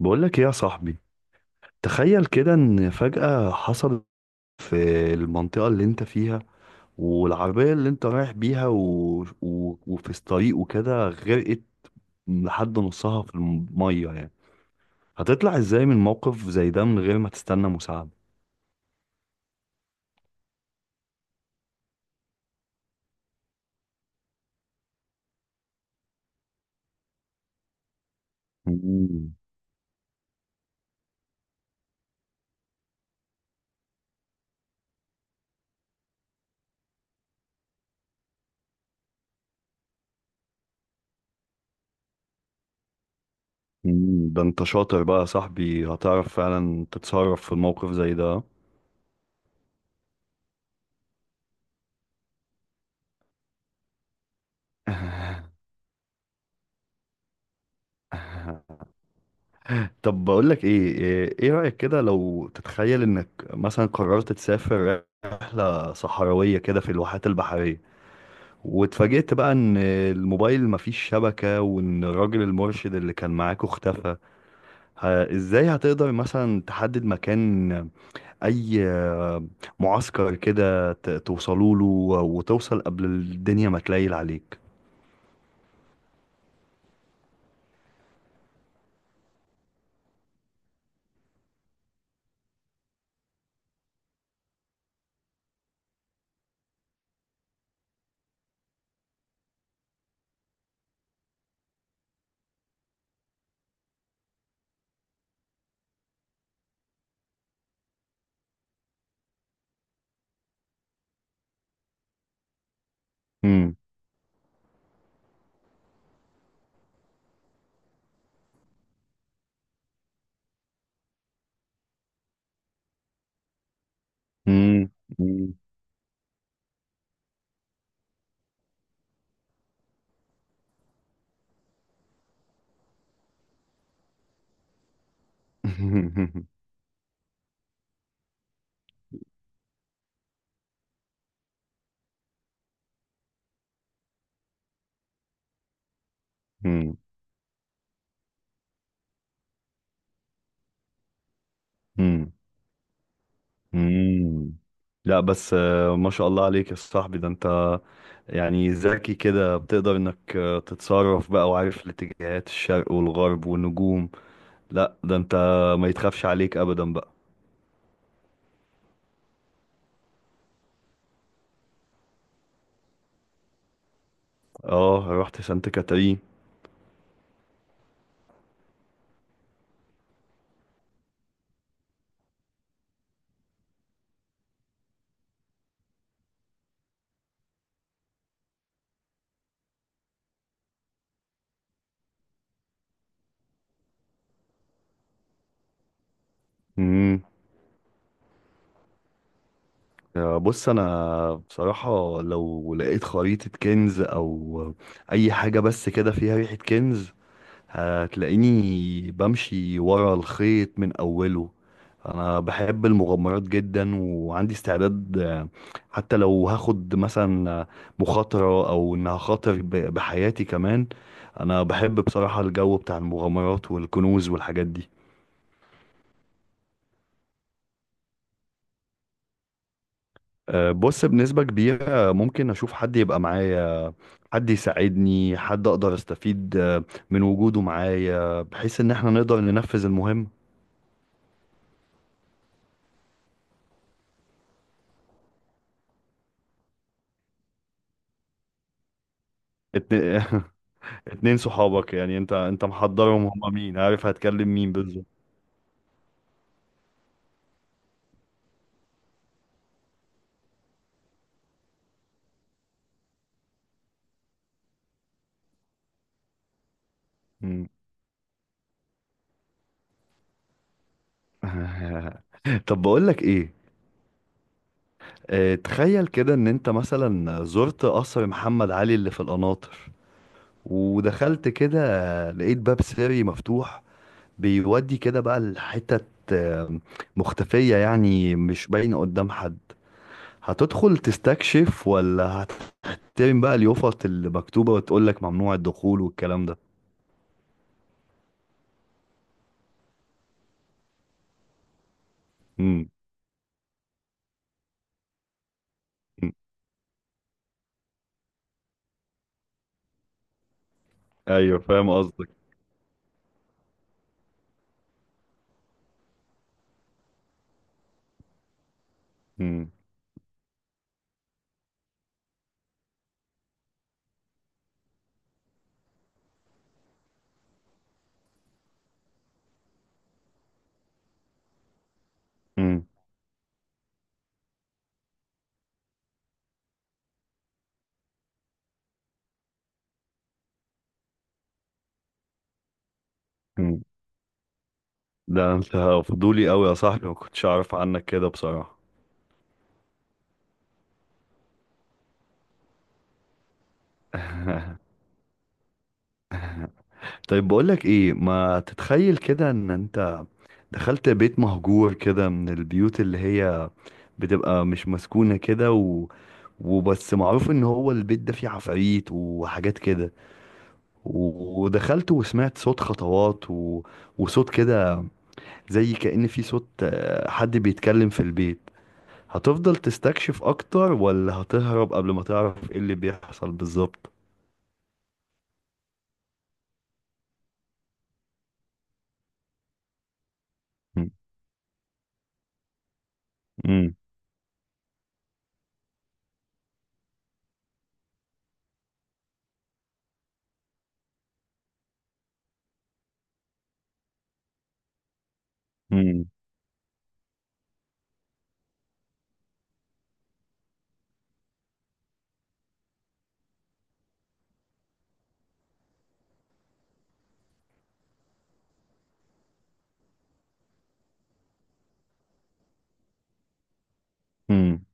بقولك ايه يا صاحبي؟ تخيل كده ان فجأة حصل في المنطقة اللي انت فيها، والعربية اللي انت رايح بيها وفي الطريق وكده غرقت لحد نصها في المية يعني. هتطلع ازاي من موقف زي ده من غير ما تستنى مساعدة؟ مم. مم. ده انت شاطر بقى يا صاحبي، هتعرف فعلا تتصرف في الموقف زي ده. طب بقول لك ايه. إيه رأيك كده لو تتخيل انك مثلا قررت تسافر رحلة صحراوية كده في الواحات البحرية، واتفاجئت بقى ان الموبايل مفيش شبكة وان الراجل المرشد اللي كان معاك اختفى. ازاي هتقدر مثلا تحدد مكان اي معسكر كده توصلوا له، وتوصل قبل الدنيا ما تليل عليك؟ مم. مم. مم. مم. امم لا بس، ما شاء الله عليك يا صاحبي، ده انت يعني ذكي كده، بتقدر انك تتصرف بقى وعارف الاتجاهات، الشرق والغرب والنجوم. لا ده انت ما يتخافش عليك ابدا بقى. اه، رحت سانت كاترين. امم بص، انا بصراحة لو لقيت خريطة كنز او اي حاجة بس كده فيها ريحة كنز، هتلاقيني بمشي ورا الخيط من أوله. أنا بحب المغامرات جدا وعندي استعداد، حتى لو هاخد مثلا مخاطرة، أو إن هخاطر بحياتي كمان. أنا بحب بصراحة الجو بتاع المغامرات والكنوز والحاجات دي. بص، بنسبة كبيرة ممكن أشوف حد يبقى معايا، حد يساعدني، حد أقدر أستفيد من وجوده معايا، بحيث إن احنا نقدر ننفذ المهمة. اتن- اتنين صحابك؟ يعني انت محضرهم؟ هما مين؟ عارف هتكلم مين بالظبط؟ مم. طب بقول لك ايه. اه تخيل كده ان انت مثلا زرت قصر محمد علي اللي في القناطر، ودخلت كده، لقيت باب سري مفتوح، بيودي كده بقى لحتت آه، مختفية، يعني مش باينة قدام حد. هتدخل تستكشف ولا هتحترم بقى اليوفط اللي مكتوبة وتقول لك ممنوع الدخول والكلام ده؟ مم. مم. ايوه، فاهم قصدك. مم. مم. ده انت فضولي قوي يا صاحبي، ما كنتش اعرف عنك كده بصراحة. طيب بقولك ايه، ما تتخيل كده ان انت دخلت بيت مهجور كده، من البيوت اللي هي بتبقى مش مسكونة كده وبس معروف ان هو البيت ده فيه عفاريت وحاجات كده، ودخلت وسمعت صوت خطوات وصوت كده زي كأن في صوت حد بيتكلم في البيت. هتفضل تستكشف اكتر ولا هتهرب قبل ما تعرف ايه اللي بيحصل بالظبط؟ مم. مم. مم.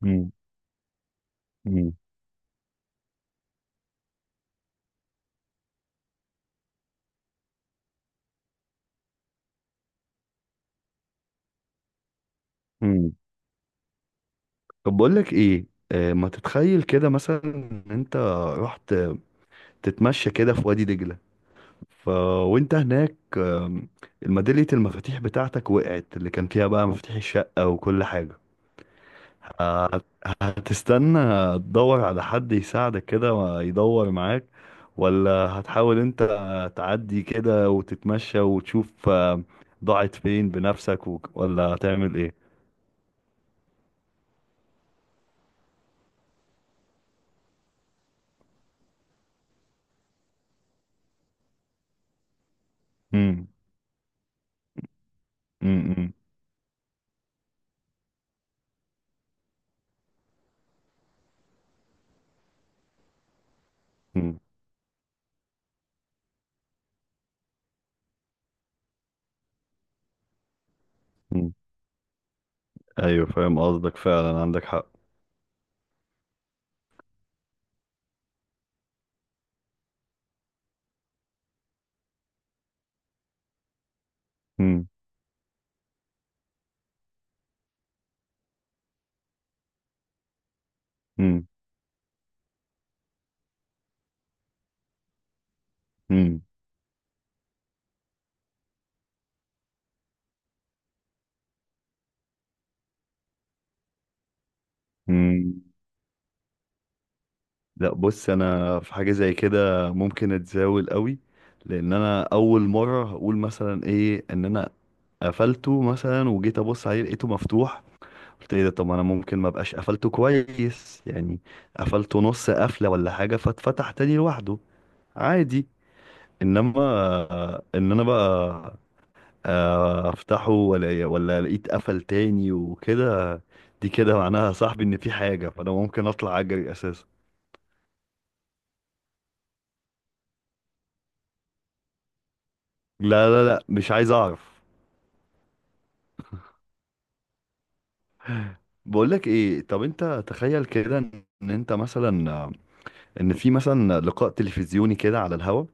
مم. مم. مم. طب بقول لك ايه، ما تتخيل كده مثلا ان انت رحت تتمشى كده في وادي دجلة، ف وانت هناك الميدالية المفاتيح بتاعتك وقعت، اللي كان فيها بقى مفاتيح الشقة وكل حاجة. هت- هتستنى تدور على حد يساعدك كده ويدور معاك، ولا هتحاول انت تعدي كده وتتمشى وتشوف ضاعت فين بنفسك ولا هتعمل ايه؟ مم. مم. مم. مم. مم. ايوه، فاهم قصدك، فعلا عندك حق. مم. مم. مم. مم. لا، بص انا في حاجة زي كده ممكن اتزاول قوي. لان انا اول مرة هقول مثلا ايه، ان انا قفلته مثلا وجيت ابص عليه لقيته مفتوح. قلت ايه ده؟ طب ما انا ممكن ما ابقاش قفلته كويس يعني، قفلته نص قفله ولا حاجه، فاتفتح تاني لوحده عادي. انما ان انا بقى افتحه ولا لقيت قفل تاني وكده، دي كده معناها يا صاحبي ان في حاجه، فانا ممكن اطلع اجري اساسا. لا لا لا، مش عايز اعرف. بقولك ايه، طب انت تخيل كده ان انت مثلا ان في مثلا لقاء تلفزيوني كده على الهوا،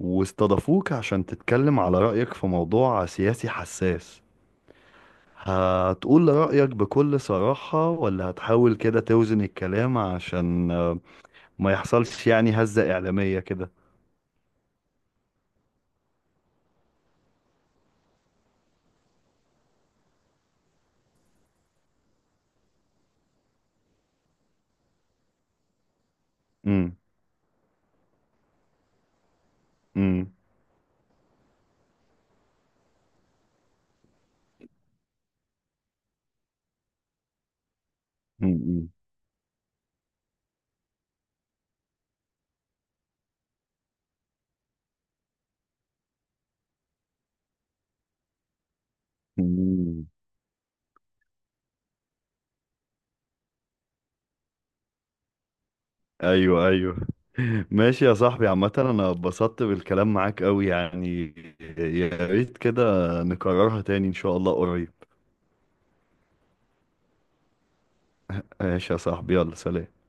واستضافوك عشان تتكلم على رأيك في موضوع سياسي حساس. هتقول رأيك بكل صراحة ولا هتحاول كده توزن الكلام عشان ما يحصلش يعني هزة إعلامية كده؟ امم. امم. امم. أمم. ايوه، ايوه. ماشي يا صاحبي، عامة انا اتبسطت بالكلام معاك قوي يعني. يا ريت كده نكررها تاني ان شاء الله قريب. ماشي يا صاحبي، يلا سلام.